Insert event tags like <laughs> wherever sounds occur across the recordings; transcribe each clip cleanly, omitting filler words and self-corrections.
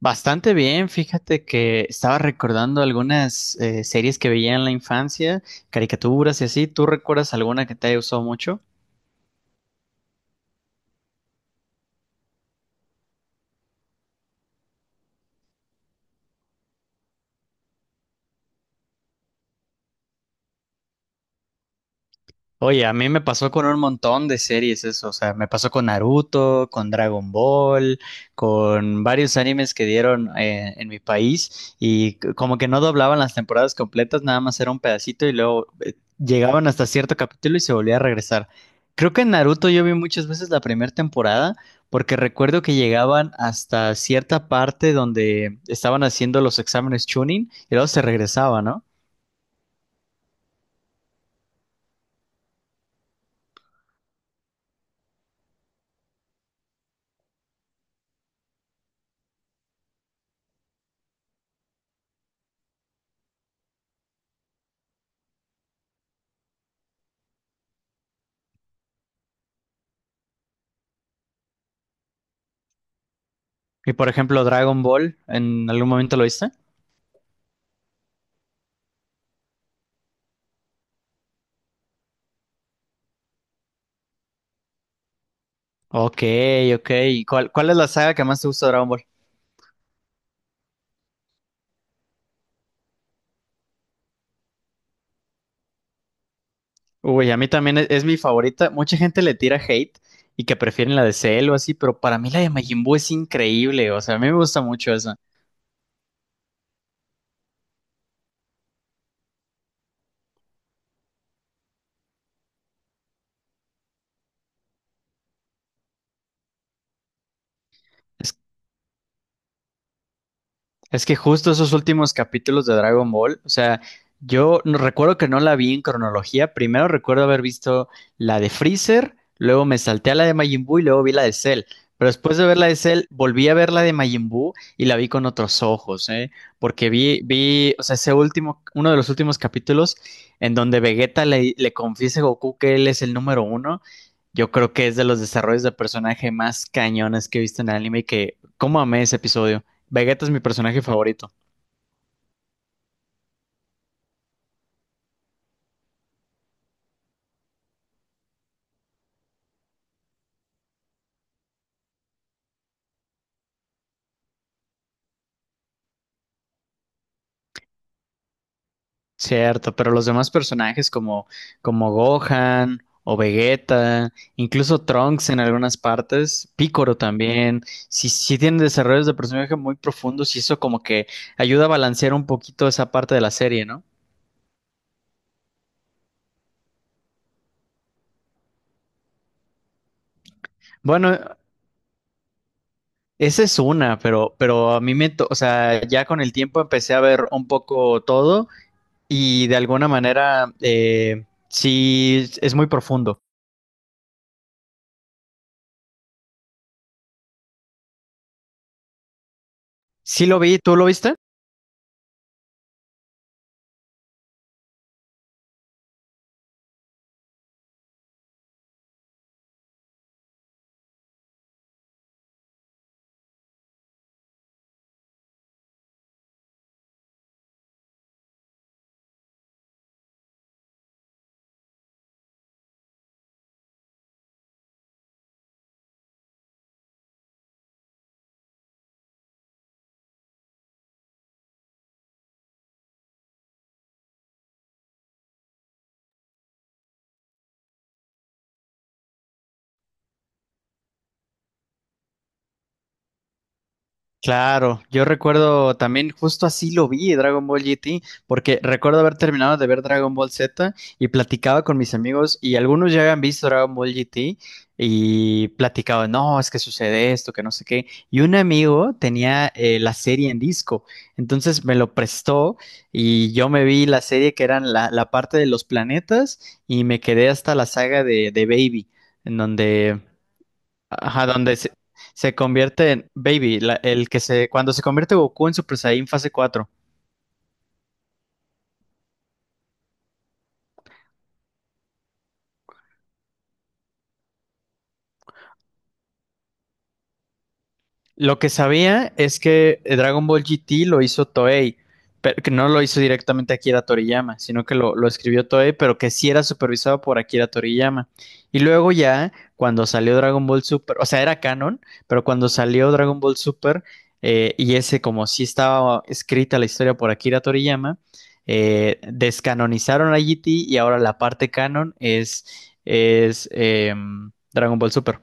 Bastante bien, fíjate que estaba recordando algunas series que veía en la infancia, caricaturas y así. ¿Tú recuerdas alguna que te haya gustado mucho? Oye, a mí me pasó con un montón de series eso, o sea, me pasó con Naruto, con Dragon Ball, con varios animes que dieron en mi país y como que no doblaban las temporadas completas, nada más era un pedacito y luego llegaban hasta cierto capítulo y se volvía a regresar. Creo que en Naruto yo vi muchas veces la primera temporada porque recuerdo que llegaban hasta cierta parte donde estaban haciendo los exámenes Chunin y luego se regresaba, ¿no? Y por ejemplo, Dragon Ball, ¿en algún momento lo viste? Ok, ok. ¿Y cuál es la saga que más te gusta de Dragon Ball? Uy, a mí también es mi favorita. Mucha gente le tira hate y que prefieren la de Cell o así, pero para mí la de Majin Buu es increíble. O sea, a mí me gusta mucho esa. Es que justo esos últimos capítulos de Dragon Ball, o sea, yo no, recuerdo que no la vi en cronología. Primero recuerdo haber visto la de Freezer, luego me salté a la de Majin Buu y luego vi la de Cell. Pero después de ver la de Cell, volví a ver la de Majin Buu y la vi con otros ojos, ¿eh? Porque vi, o sea, ese último, uno de los últimos capítulos en donde Vegeta le confiesa a Goku que él es el número uno. Yo creo que es de los desarrollos de personaje más cañones que he visto en el anime y que, ¿cómo amé ese episodio? Vegeta es mi personaje favorito, cierto, pero los demás personajes como Gohan o Vegeta, incluso Trunks en algunas partes, Picoro también, sí, tienen desarrollos de personaje muy profundos y eso como que ayuda a balancear un poquito esa parte de la serie, ¿no? Bueno, esa es una, pero a mí o sea, ya con el tiempo empecé a ver un poco todo y de alguna manera, sí es muy profundo. Sí lo vi, ¿tú lo viste? Claro, yo recuerdo también justo así lo vi Dragon Ball GT, porque recuerdo haber terminado de ver Dragon Ball Z y platicaba con mis amigos y algunos ya habían visto Dragon Ball GT y platicaba, no, es que sucede esto, que no sé qué. Y un amigo tenía la serie en disco, entonces me lo prestó y yo me vi la serie que eran la parte de los planetas y me quedé hasta la saga de Baby, en donde ajá, se convierte en Baby, cuando se convierte Goku en Super Saiyan fase 4. Lo que sabía es que Dragon Ball GT lo hizo Toei, pero que no lo hizo directamente Akira Toriyama, sino que lo escribió Toei, pero que sí era supervisado por Akira Toriyama. Y luego ya, cuando salió Dragon Ball Super, o sea, era canon, pero cuando salió Dragon Ball Super, y ese como sí estaba escrita la historia por Akira Toriyama, descanonizaron a GT y ahora la parte canon es Dragon Ball Super.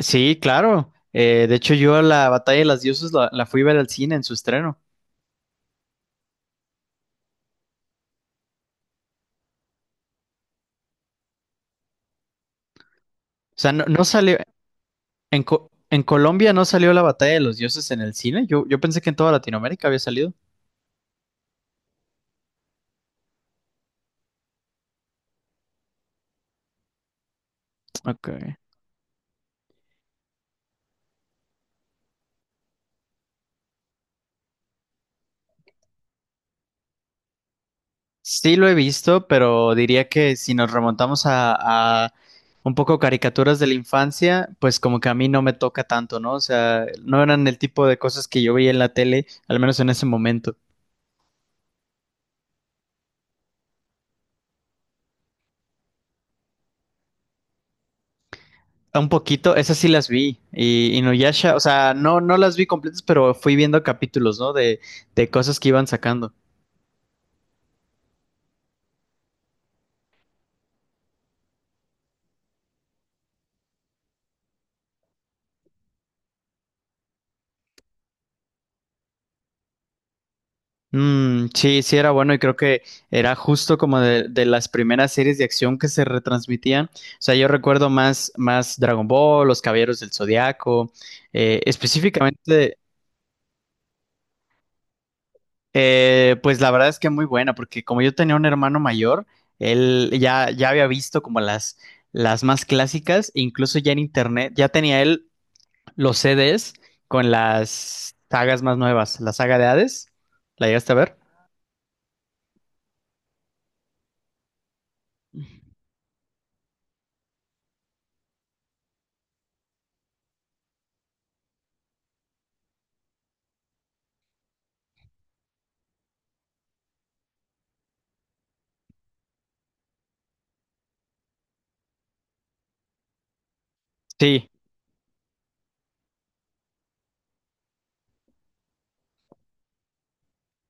Sí, claro. De hecho, yo la Batalla de las Diosas la fui a ver al cine en su estreno. O sea, no salió, en Colombia no salió la Batalla de los Dioses en el cine. Yo pensé que en toda Latinoamérica había salido. Ok. Sí lo he visto, pero diría que si nos remontamos a un poco caricaturas de la infancia, pues como que a mí no me toca tanto, ¿no? O sea, no eran el tipo de cosas que yo veía en la tele, al menos en ese momento. Un poquito, esas sí las vi. Y Inuyasha, o sea, no las vi completas, pero fui viendo capítulos, ¿no? De cosas que iban sacando. Mm, sí, sí era bueno y creo que era justo como de las primeras series de acción que se retransmitían. O sea, yo recuerdo más Dragon Ball, Los Caballeros del Zodiaco, específicamente, pues la verdad es que muy buena, porque como yo tenía un hermano mayor, ya había visto como las más clásicas, e incluso ya en internet, ya tenía él los CDs con las sagas más nuevas. La saga de Hades, ¿la llegaste a ver? Sí,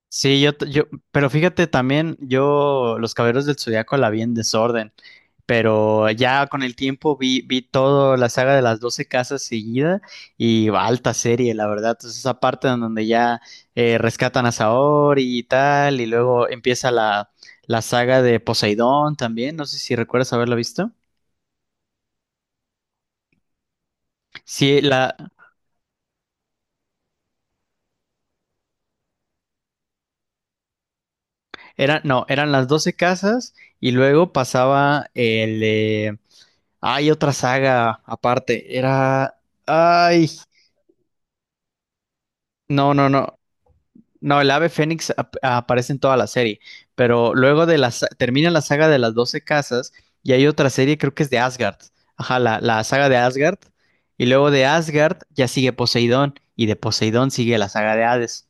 sí, yo, t- yo, pero fíjate también, yo Los Caballeros del Zodiaco la vi en desorden, pero ya con el tiempo vi toda la saga de las 12 casas seguida y va, alta serie, la verdad. Entonces esa parte en donde ya rescatan a Saori y tal, y luego empieza la saga de Poseidón también, no sé si recuerdas haberla visto. Sí, la, eran no, eran las 12 casas y luego pasaba el... hay otra saga aparte. Era... Ay, no, no, no. No, el ave fénix aparece en toda la serie, pero luego de termina la saga de las 12 casas y hay otra serie, creo que es de Asgard. Ajá, la saga de Asgard. Y luego de Asgard ya sigue Poseidón y de Poseidón sigue la saga de Hades.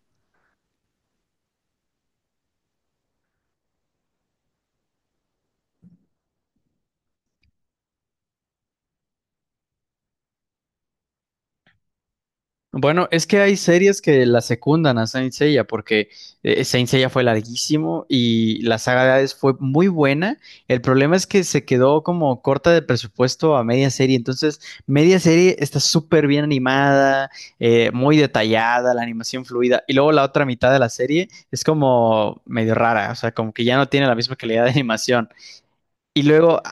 Bueno, es que hay series que la secundan a Saint Seiya porque Saint Seiya fue larguísimo y la saga de Hades fue muy buena. El problema es que se quedó como corta de presupuesto a media serie. Entonces, media serie está súper bien animada, muy detallada, la animación fluida. Y luego la otra mitad de la serie es como medio rara, o sea, como que ya no tiene la misma calidad de <laughs> animación. Y luego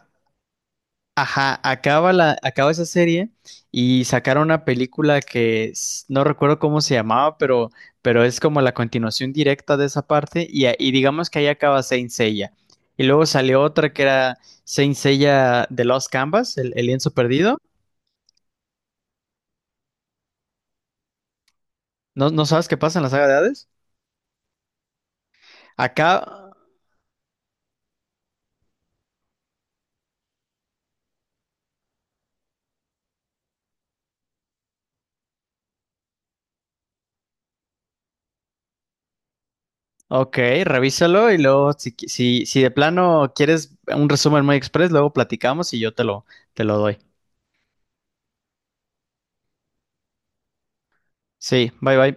ajá, acaba esa serie y sacaron una película que no recuerdo cómo se llamaba, pero es como la continuación directa de esa parte y, y digamos que ahí acaba Saint Seiya. Y luego salió otra que era Saint Seiya The Lost Canvas, el lienzo perdido. No sabes qué pasa en la saga de Hades? Acá, ok, revísalo y luego si de plano quieres un resumen muy express, luego platicamos y yo te lo doy. Sí, bye bye.